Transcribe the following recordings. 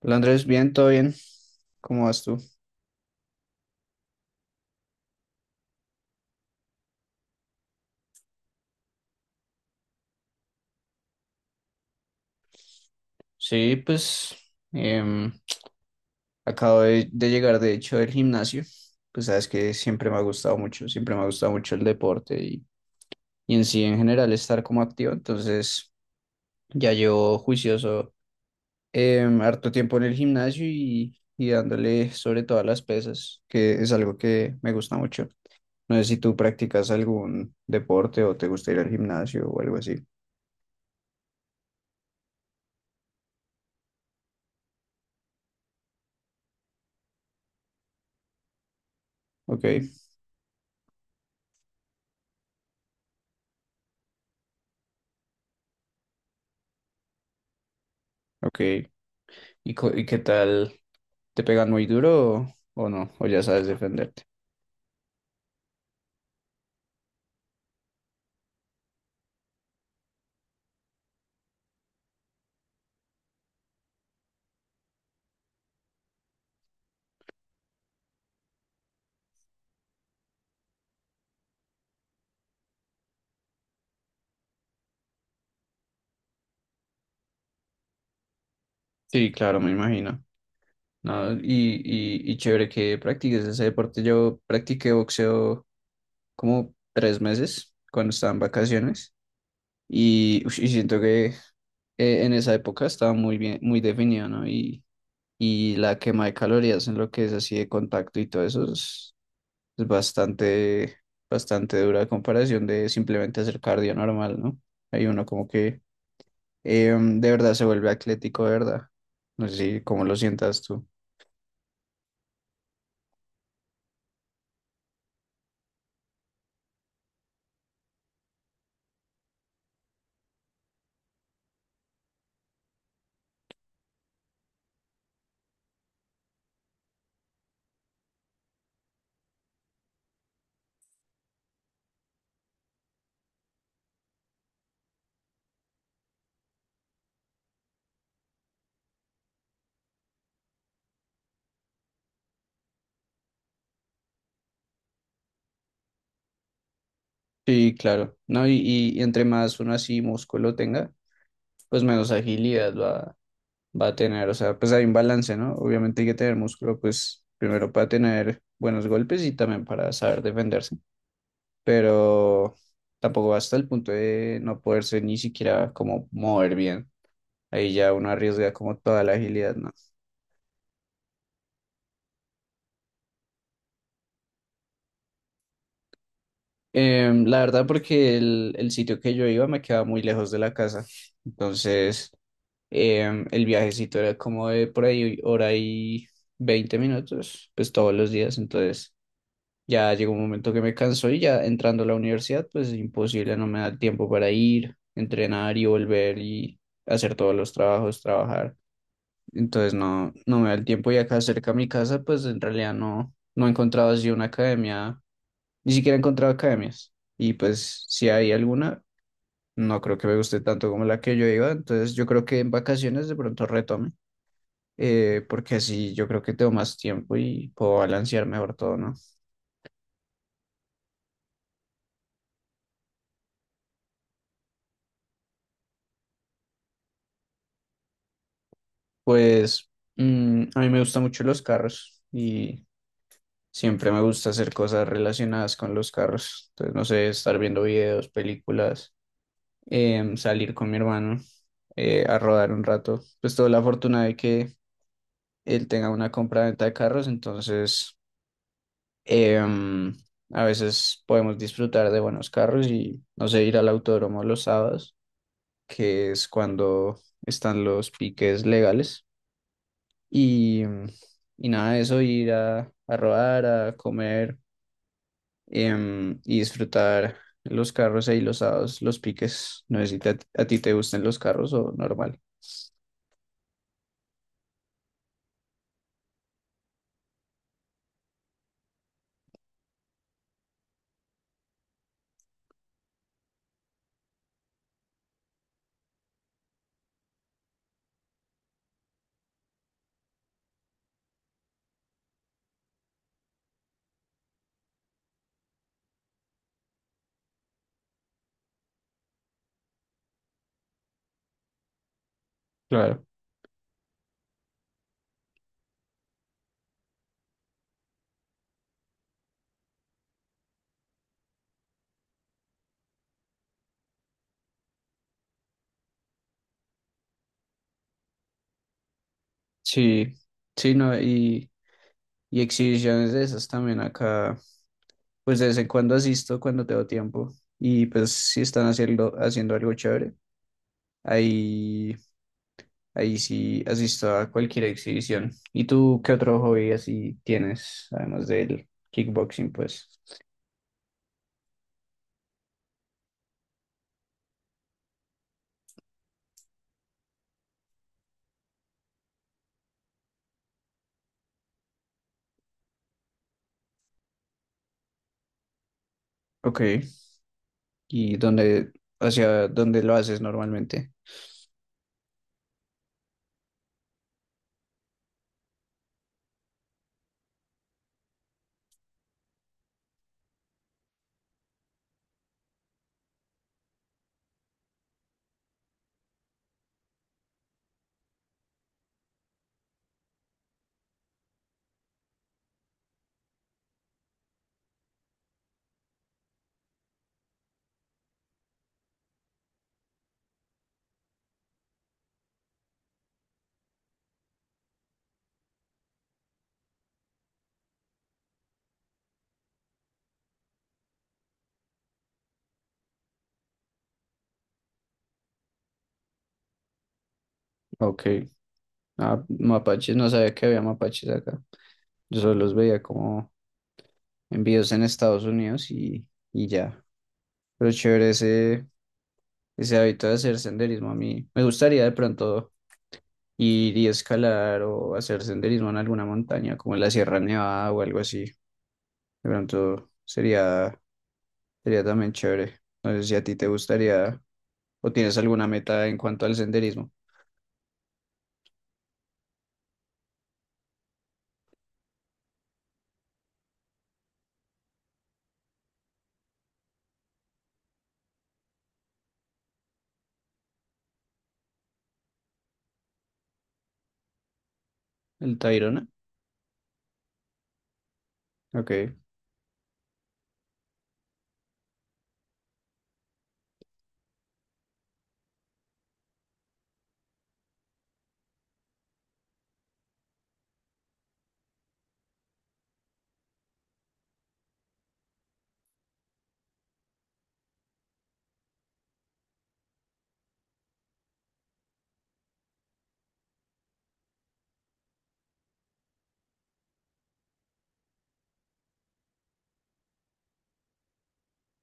Hola Andrés, bien, todo bien. ¿Cómo vas tú? Sí, pues em, acabo de llegar de hecho del gimnasio. Pues sabes que siempre me ha gustado mucho, siempre me ha gustado mucho el deporte y en sí en general estar como activo. Entonces ya llevo juicioso harto tiempo en el gimnasio y dándole sobre todas las pesas, que es algo que me gusta mucho. No sé si tú practicas algún deporte o te gusta ir al gimnasio o algo así. Ok, ok. ¿Y, y qué tal? ¿Te pegan muy duro o no? ¿O ya sabes defenderte? Sí, claro, me imagino. No, y chévere que practiques ese deporte. Yo practiqué boxeo como 3 meses cuando estaba en vacaciones y, ush, y siento que en esa época estaba muy bien, muy definido, ¿no? Y la quema de calorías en lo que es así de contacto y todo eso es bastante, bastante dura a comparación de simplemente hacer cardio normal, ¿no? Hay uno como que de verdad se vuelve atlético, de verdad. No sé si cómo lo sientas tú. Sí, claro, ¿no? Y entre más uno así músculo tenga, pues menos agilidad va a tener, o sea, pues hay un balance, ¿no? Obviamente hay que tener músculo, pues primero para tener buenos golpes y también para saber defenderse, pero tampoco va hasta el punto de no poderse ni siquiera como mover bien. Ahí ya uno arriesga como toda la agilidad, ¿no? La verdad, porque el sitio que yo iba me quedaba muy lejos de la casa. Entonces, el viajecito era como de por ahí hora y 20 minutos, pues todos los días. Entonces, ya llegó un momento que me cansó y ya entrando a la universidad, pues imposible, no me da el tiempo para ir, entrenar y volver y hacer todos los trabajos, trabajar. Entonces, no me da el tiempo y acá cerca a mi casa, pues en realidad no he encontrado así una academia, ni siquiera he encontrado academias. Y pues si hay alguna, no creo que me guste tanto como la que yo iba. Entonces yo creo que en vacaciones de pronto retome. Porque así yo creo que tengo más tiempo y puedo balancear mejor todo, ¿no? Pues a mí me gustan mucho los carros y siempre me gusta hacer cosas relacionadas con los carros. Entonces, no sé, estar viendo videos, películas, salir con mi hermano a rodar un rato. Pues tuve la fortuna de que él tenga una compra-venta de carros, entonces, Em, a veces podemos disfrutar de buenos carros y, no sé, ir al autódromo los sábados, que es cuando están los piques legales. Y, mm, y nada de eso, ir a rodar, a comer, y disfrutar los carros ahí los sábados, los piques. No sé si a ti te gustan los carros o normal. Claro. Sí, sí, no, y exhibiciones de esas también acá. Pues de vez en cuando asisto cuando tengo tiempo y pues si están haciendo algo chévere, ahí, ahí sí asisto a cualquier exhibición. ¿Y tú qué otro hobby así tienes, además del kickboxing, pues? Ok, ¿y dónde, hacia dónde lo haces normalmente? Ok, ah, mapaches, no sabía que había mapaches acá. Yo solo los veía como envíos en Estados Unidos y ya. Pero chévere ese hábito de hacer senderismo a mí. Me gustaría de pronto ir y escalar o hacer senderismo en alguna montaña, como en la Sierra Nevada o algo así. De pronto sería también chévere. No sé si a ti te gustaría o tienes alguna meta en cuanto al senderismo. ¿El Tayrona? Ok,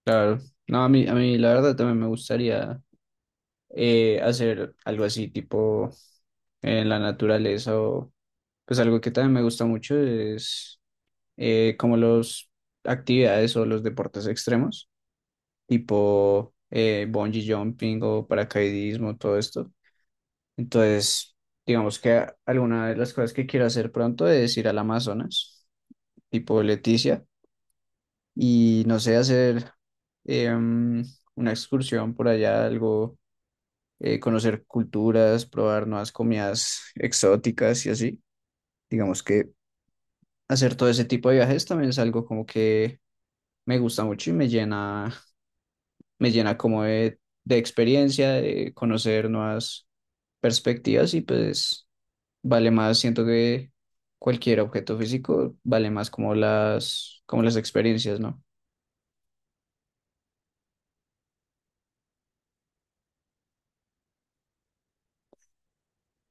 claro. No, a mí la verdad también me gustaría hacer algo así, tipo en la naturaleza o pues algo que también me gusta mucho es como los actividades o los deportes extremos. Tipo bungee jumping o paracaidismo, todo esto. Entonces, digamos que alguna de las cosas que quiero hacer pronto es ir al Amazonas, tipo Leticia, y no sé, hacer em, una excursión por allá, algo, conocer culturas, probar nuevas comidas exóticas y así. Digamos que hacer todo ese tipo de viajes también es algo como que me gusta mucho y me llena como de experiencia, de conocer nuevas perspectivas y pues vale más, siento que cualquier objeto físico vale más como las, experiencias, ¿no?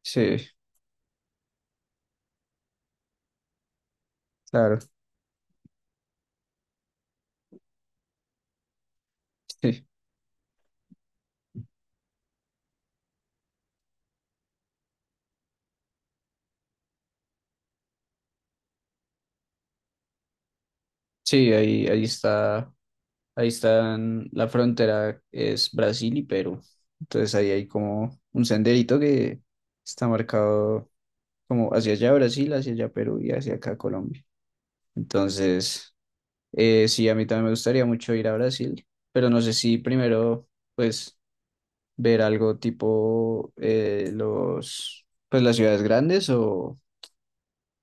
Sí, claro. Sí, sí, ahí está, ahí están, la frontera es Brasil y Perú. Entonces ahí hay como un senderito que está marcado como hacia allá Brasil, hacia allá Perú y hacia acá Colombia. Entonces, Sí, a mí también me gustaría mucho ir a Brasil, pero no sé si primero, pues, ver algo tipo pues, las ciudades grandes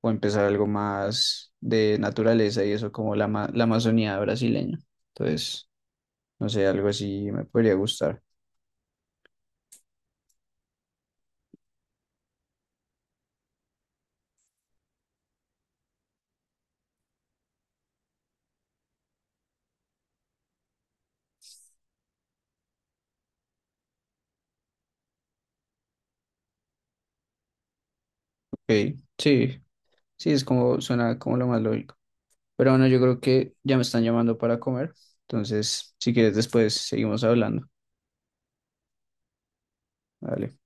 o empezar algo más de naturaleza y eso como la, la Amazonía brasileña. Entonces, no sé, algo así me podría gustar. Ok, sí, sí, es como, suena como lo más lógico. Pero bueno, yo creo que ya me están llamando para comer, entonces, si quieres, después seguimos hablando. Vale.